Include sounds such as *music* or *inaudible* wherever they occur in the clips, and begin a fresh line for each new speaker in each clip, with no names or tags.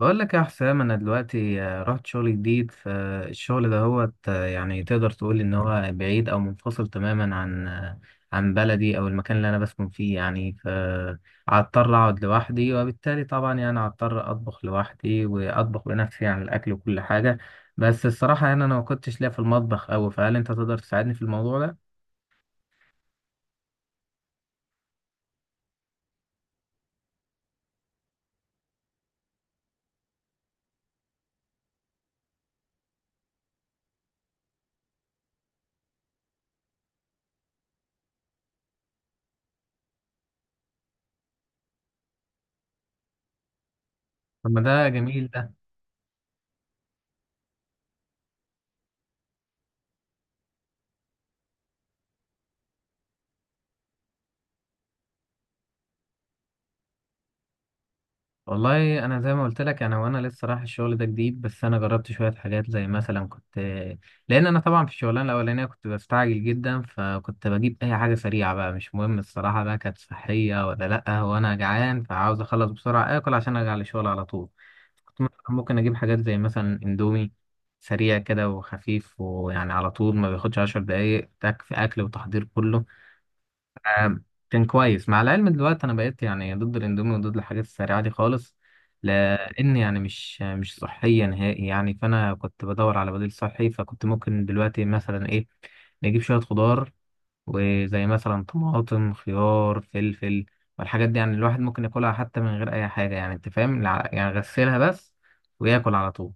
بقول لك يا حسام، انا دلوقتي رحت شغل جديد. فالشغل ده هو يعني تقدر تقول ان هو بعيد او منفصل تماما عن عن بلدي او المكان اللي انا بسكن فيه يعني. فهضطر اقعد لوحدي، وبالتالي طبعا يعني هضطر اطبخ لوحدي واطبخ بنفسي يعني الاكل وكل حاجة. بس الصراحة يعني انا ما كنتش ليا في المطبخ اوي، فهل انت تقدر تساعدني في الموضوع ده؟ طب ما ده جميل ده. والله انا زي ما قلت لك، انا وانا لسه رايح الشغل ده جديد، بس انا جربت شويه حاجات زي مثلا كنت، لان انا طبعا في الشغلانه الاولانيه كنت بستعجل جدا، فكنت بجيب اي حاجه سريعه بقى، مش مهم الصراحه بقى كانت صحيه ولا لا، وانا جعان فعاوز اخلص بسرعه اكل عشان ارجع للشغل على طول. كنت مثلاً ممكن اجيب حاجات زي مثلا اندومي، سريع كده وخفيف، ويعني على طول ما بياخدش عشر دقايق تك في اكل وتحضير كله. كان كويس. مع العلم دلوقتي انا بقيت يعني ضد الاندومي وضد الحاجات السريعه دي خالص، لان يعني مش صحيه نهائي يعني. فانا كنت بدور على بديل صحي، فكنت ممكن دلوقتي مثلا ايه، نجيب شويه خضار، وزي مثلا طماطم، خيار، فلفل. والحاجات دي يعني الواحد ممكن ياكلها حتى من غير اي حاجه، يعني انت فاهم، يعني غسلها بس وياكل على طول.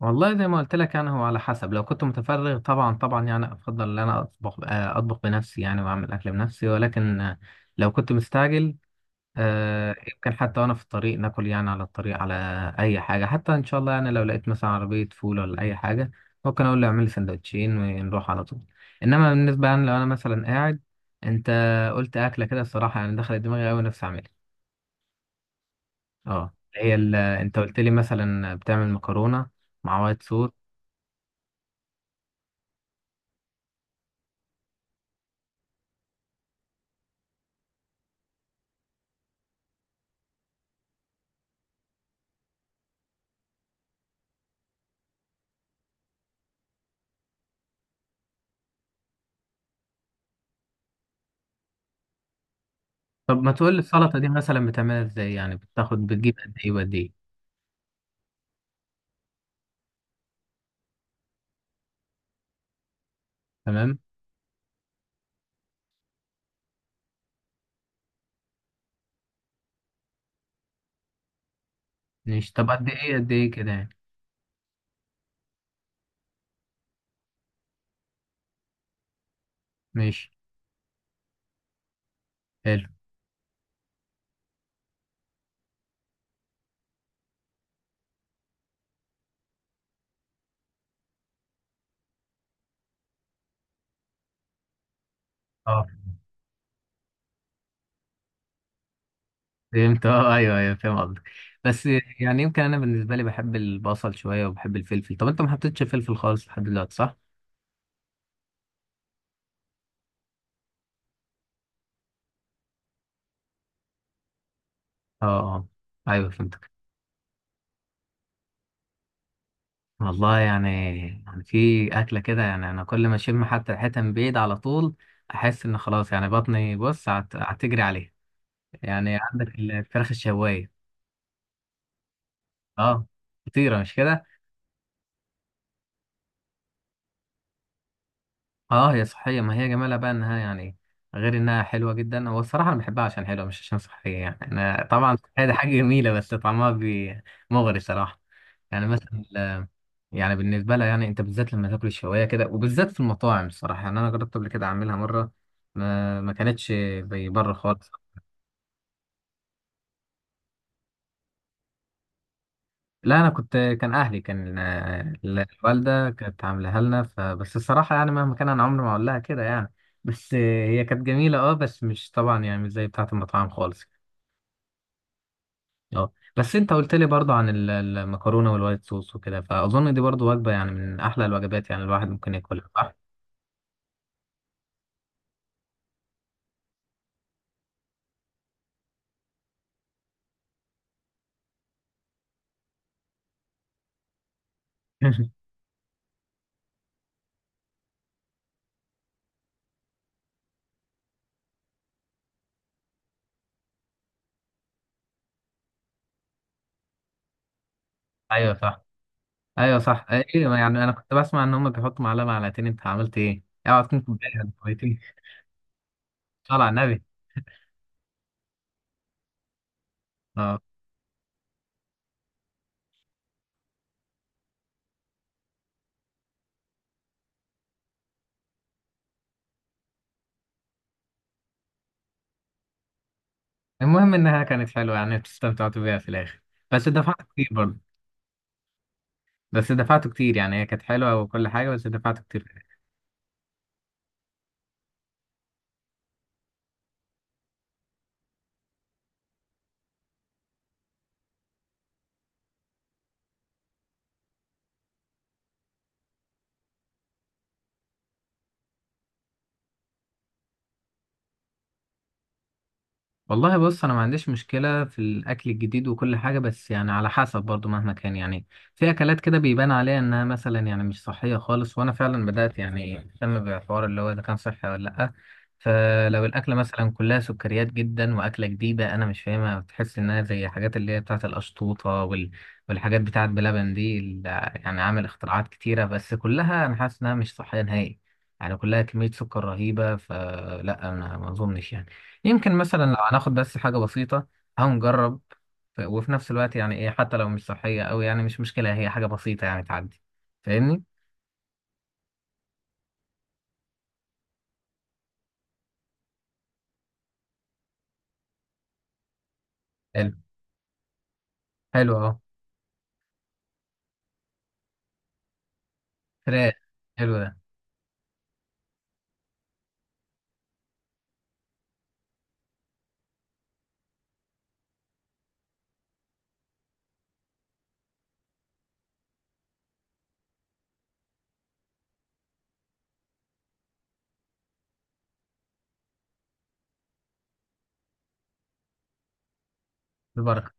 والله زي ما قلت لك، يعني هو على حسب. لو كنت متفرغ طبعا طبعا، يعني افضل ان انا اطبخ، اطبخ بنفسي يعني واعمل اكل بنفسي. ولكن لو كنت مستعجل، يمكن حتى وانا في الطريق ناكل يعني، على الطريق على اي حاجه حتى. ان شاء الله يعني لو لقيت مثلا عربيه فول ولا اي حاجه، ممكن اقول له اعمل لي سندوتشين ونروح على طول. انما بالنسبه يعني لو انا مثلا قاعد، انت قلت اكله كده الصراحه يعني دخلت دماغي قوي، نفسي اعملها. اه، هي انت قلت لي مثلا بتعمل مكرونه مع وايت صوص. طب ما تقول لي السلطة دي مثلا بتعملها ازاي يعني؟ بتاخد بتجيب قد ايه وقد ايه؟ تمام. ماشي، طب قد ايه قد ايه كده يعني؟ ماشي. حلو. اه، فهمت. اه، ايوه ايوه فاهم قصدك. بس يعني يمكن انا بالنسبة لي بحب البصل شوية وبحب الفلفل. طب انت ما حطيتش فلفل خالص لحد دلوقتي، صح؟ اه اه، ايوه فهمتك. والله يعني، يعني في أكلة كده يعني أنا كل ما أشم حتى ريحتها من بعيد على طول، أحس إن خلاص يعني بطني بص هتجري عليها. يعني عندك الفراخ الشواية. اه، خطيرة مش كده؟ اه هي صحية، ما هي جمالها بقى انها يعني، غير انها حلوة جدا، هو الصراحة انا بحبها عشان حلوة مش عشان صحية. يعني انا طبعا صحية دي حاجة جميلة، بس طعمها مغري صراحة. يعني مثلا يعني بالنسبة لها، يعني انت بالذات لما تاكل الشواية كده وبالذات في المطاعم، الصراحة يعني انا جربت قبل كده اعملها مرة، ما كانتش زي بره خالص. لا انا كنت، كان اهلي كان الوالده كانت عاملاها لنا. فبس الصراحه يعني مهما كان انا عمري ما اقول لها كده يعني. بس هي كانت جميله، اه، بس مش طبعا يعني مش زي بتاعه المطاعم خالص. اه بس انت قلت لي برضو عن المكرونه والوايت صوص وكده، فاظن دي برضو وجبه يعني من احلى الوجبات يعني الواحد ممكن ياكلها، صح؟ *laughs* ايوه صح. ايوه صح. ايوه، يعني انا كنت بسمع ان هم بيحطوا معلقه معلقتين، انت عملت ايه؟ اوعى تكون كوبايه ولا كوبايتين! صلى على النبي. اه، المهم انها كانت حلوه، يعني استمتعت بيها في الاخر، بس دفعت كتير برضه. بس دفعت كتير يعني، هي كانت حلوه وكل حاجه، بس دفعت كتير. والله بص، انا ما عنديش مشكله في الاكل الجديد وكل حاجه، بس يعني على حسب برضو مهما كان يعني. في اكلات كده بيبان عليها انها مثلا يعني مش صحيه خالص، وانا فعلا بدات يعني اهتم بالحوار اللي هو اذا كان صحي ولا لا. فلو الاكله مثلا كلها سكريات جدا واكله جديده انا مش فاهمها، بتحس انها زي حاجات اللي هي بتاعه القشطوطه والحاجات بتاعه بلبن دي يعني عامل اختراعات كتيره، بس كلها انا حاسس انها مش صحيه نهائي. يعني كلها كميه سكر رهيبه، فلا انا ما اظنش يعني. يمكن مثلا لو هناخد بس حاجة بسيطة هنجرب. وفي نفس الوقت يعني ايه، حتى لو مش صحية أوي يعني مش مشكلة، هي حاجة بسيطة يعني تعدي. فاهمني؟ حلو. حلو اهو. فراخ، حلو ده. البركة.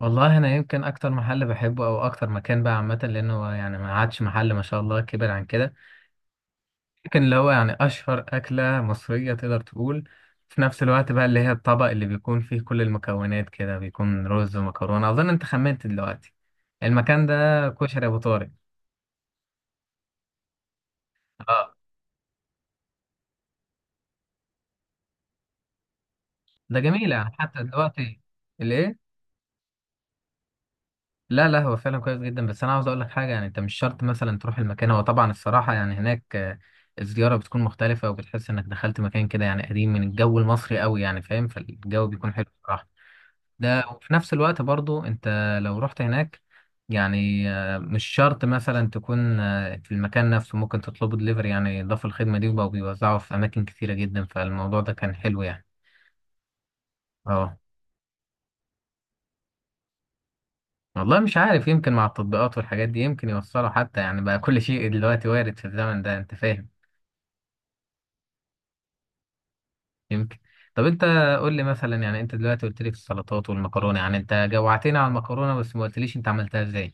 والله أنا يمكن أكتر محل بحبه أو أكتر مكان بقى عامة، لأنه هو يعني ما عادش محل، ما شاء الله كبر عن كده. يمكن اللي هو يعني أشهر أكلة مصرية تقدر تقول، في نفس الوقت بقى اللي هي الطبق اللي بيكون فيه كل المكونات كده، بيكون رز ومكرونة. أظن أنت خمنت دلوقتي المكان ده، كشري أبو طارق. اه ده جميل يعني حتى دلوقتي. الايه؟ لا لا، هو فعلا كويس جدا. بس انا عاوز اقول لك حاجه، يعني انت مش شرط مثلا تروح المكان. هو طبعا الصراحه يعني هناك الزياره بتكون مختلفه، وبتحس انك دخلت مكان كده يعني قديم من الجو المصري قوي يعني، فاهم؟ فالجو بيكون حلو الصراحه. ده وفي نفس الوقت برضو انت لو رحت هناك، يعني مش شرط مثلا تكون في المكان نفسه، ممكن تطلبه دليفري يعني. ضافوا الخدمه دي وبقوا بيوزعوا في اماكن كثيره جدا، فالموضوع ده كان حلو يعني. اه والله مش عارف، يمكن مع التطبيقات والحاجات دي يمكن يوصلوا حتى يعني. بقى كل شيء دلوقتي وارد في الزمن ده، انت فاهم. يمكن. طب انت قول لي مثلا، يعني انت دلوقتي قلت لي في السلطات والمكرونه، يعني انت جوعتني على المكرونه، بس ما قلتليش انت عملتها ازاي.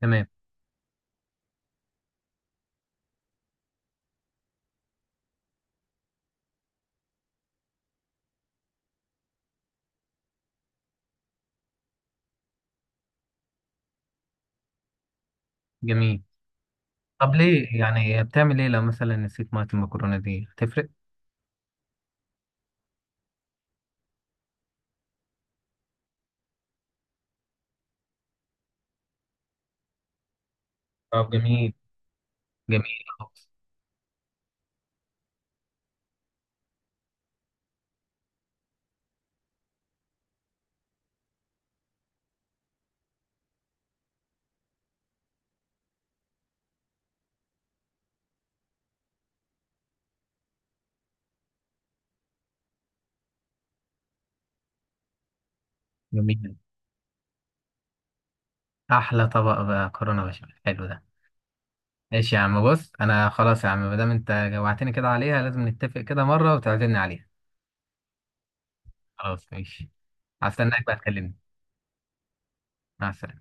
تمام. جميل. طب ليه يعني بتعمل ايه لو مثلا نسيت ميه المكرونه دي؟ هتفرق؟ طب جميل. جميل خلاص. جميل. احلى طبق بقى مكرونه بشاميل، حلو ده. ماشي يا عم، بص انا خلاص يا عم، ما دام انت جوعتني كده عليها، لازم نتفق كده مره وتعزمني عليها. خلاص ماشي. هستناك بقى تكلمني. مع السلامة.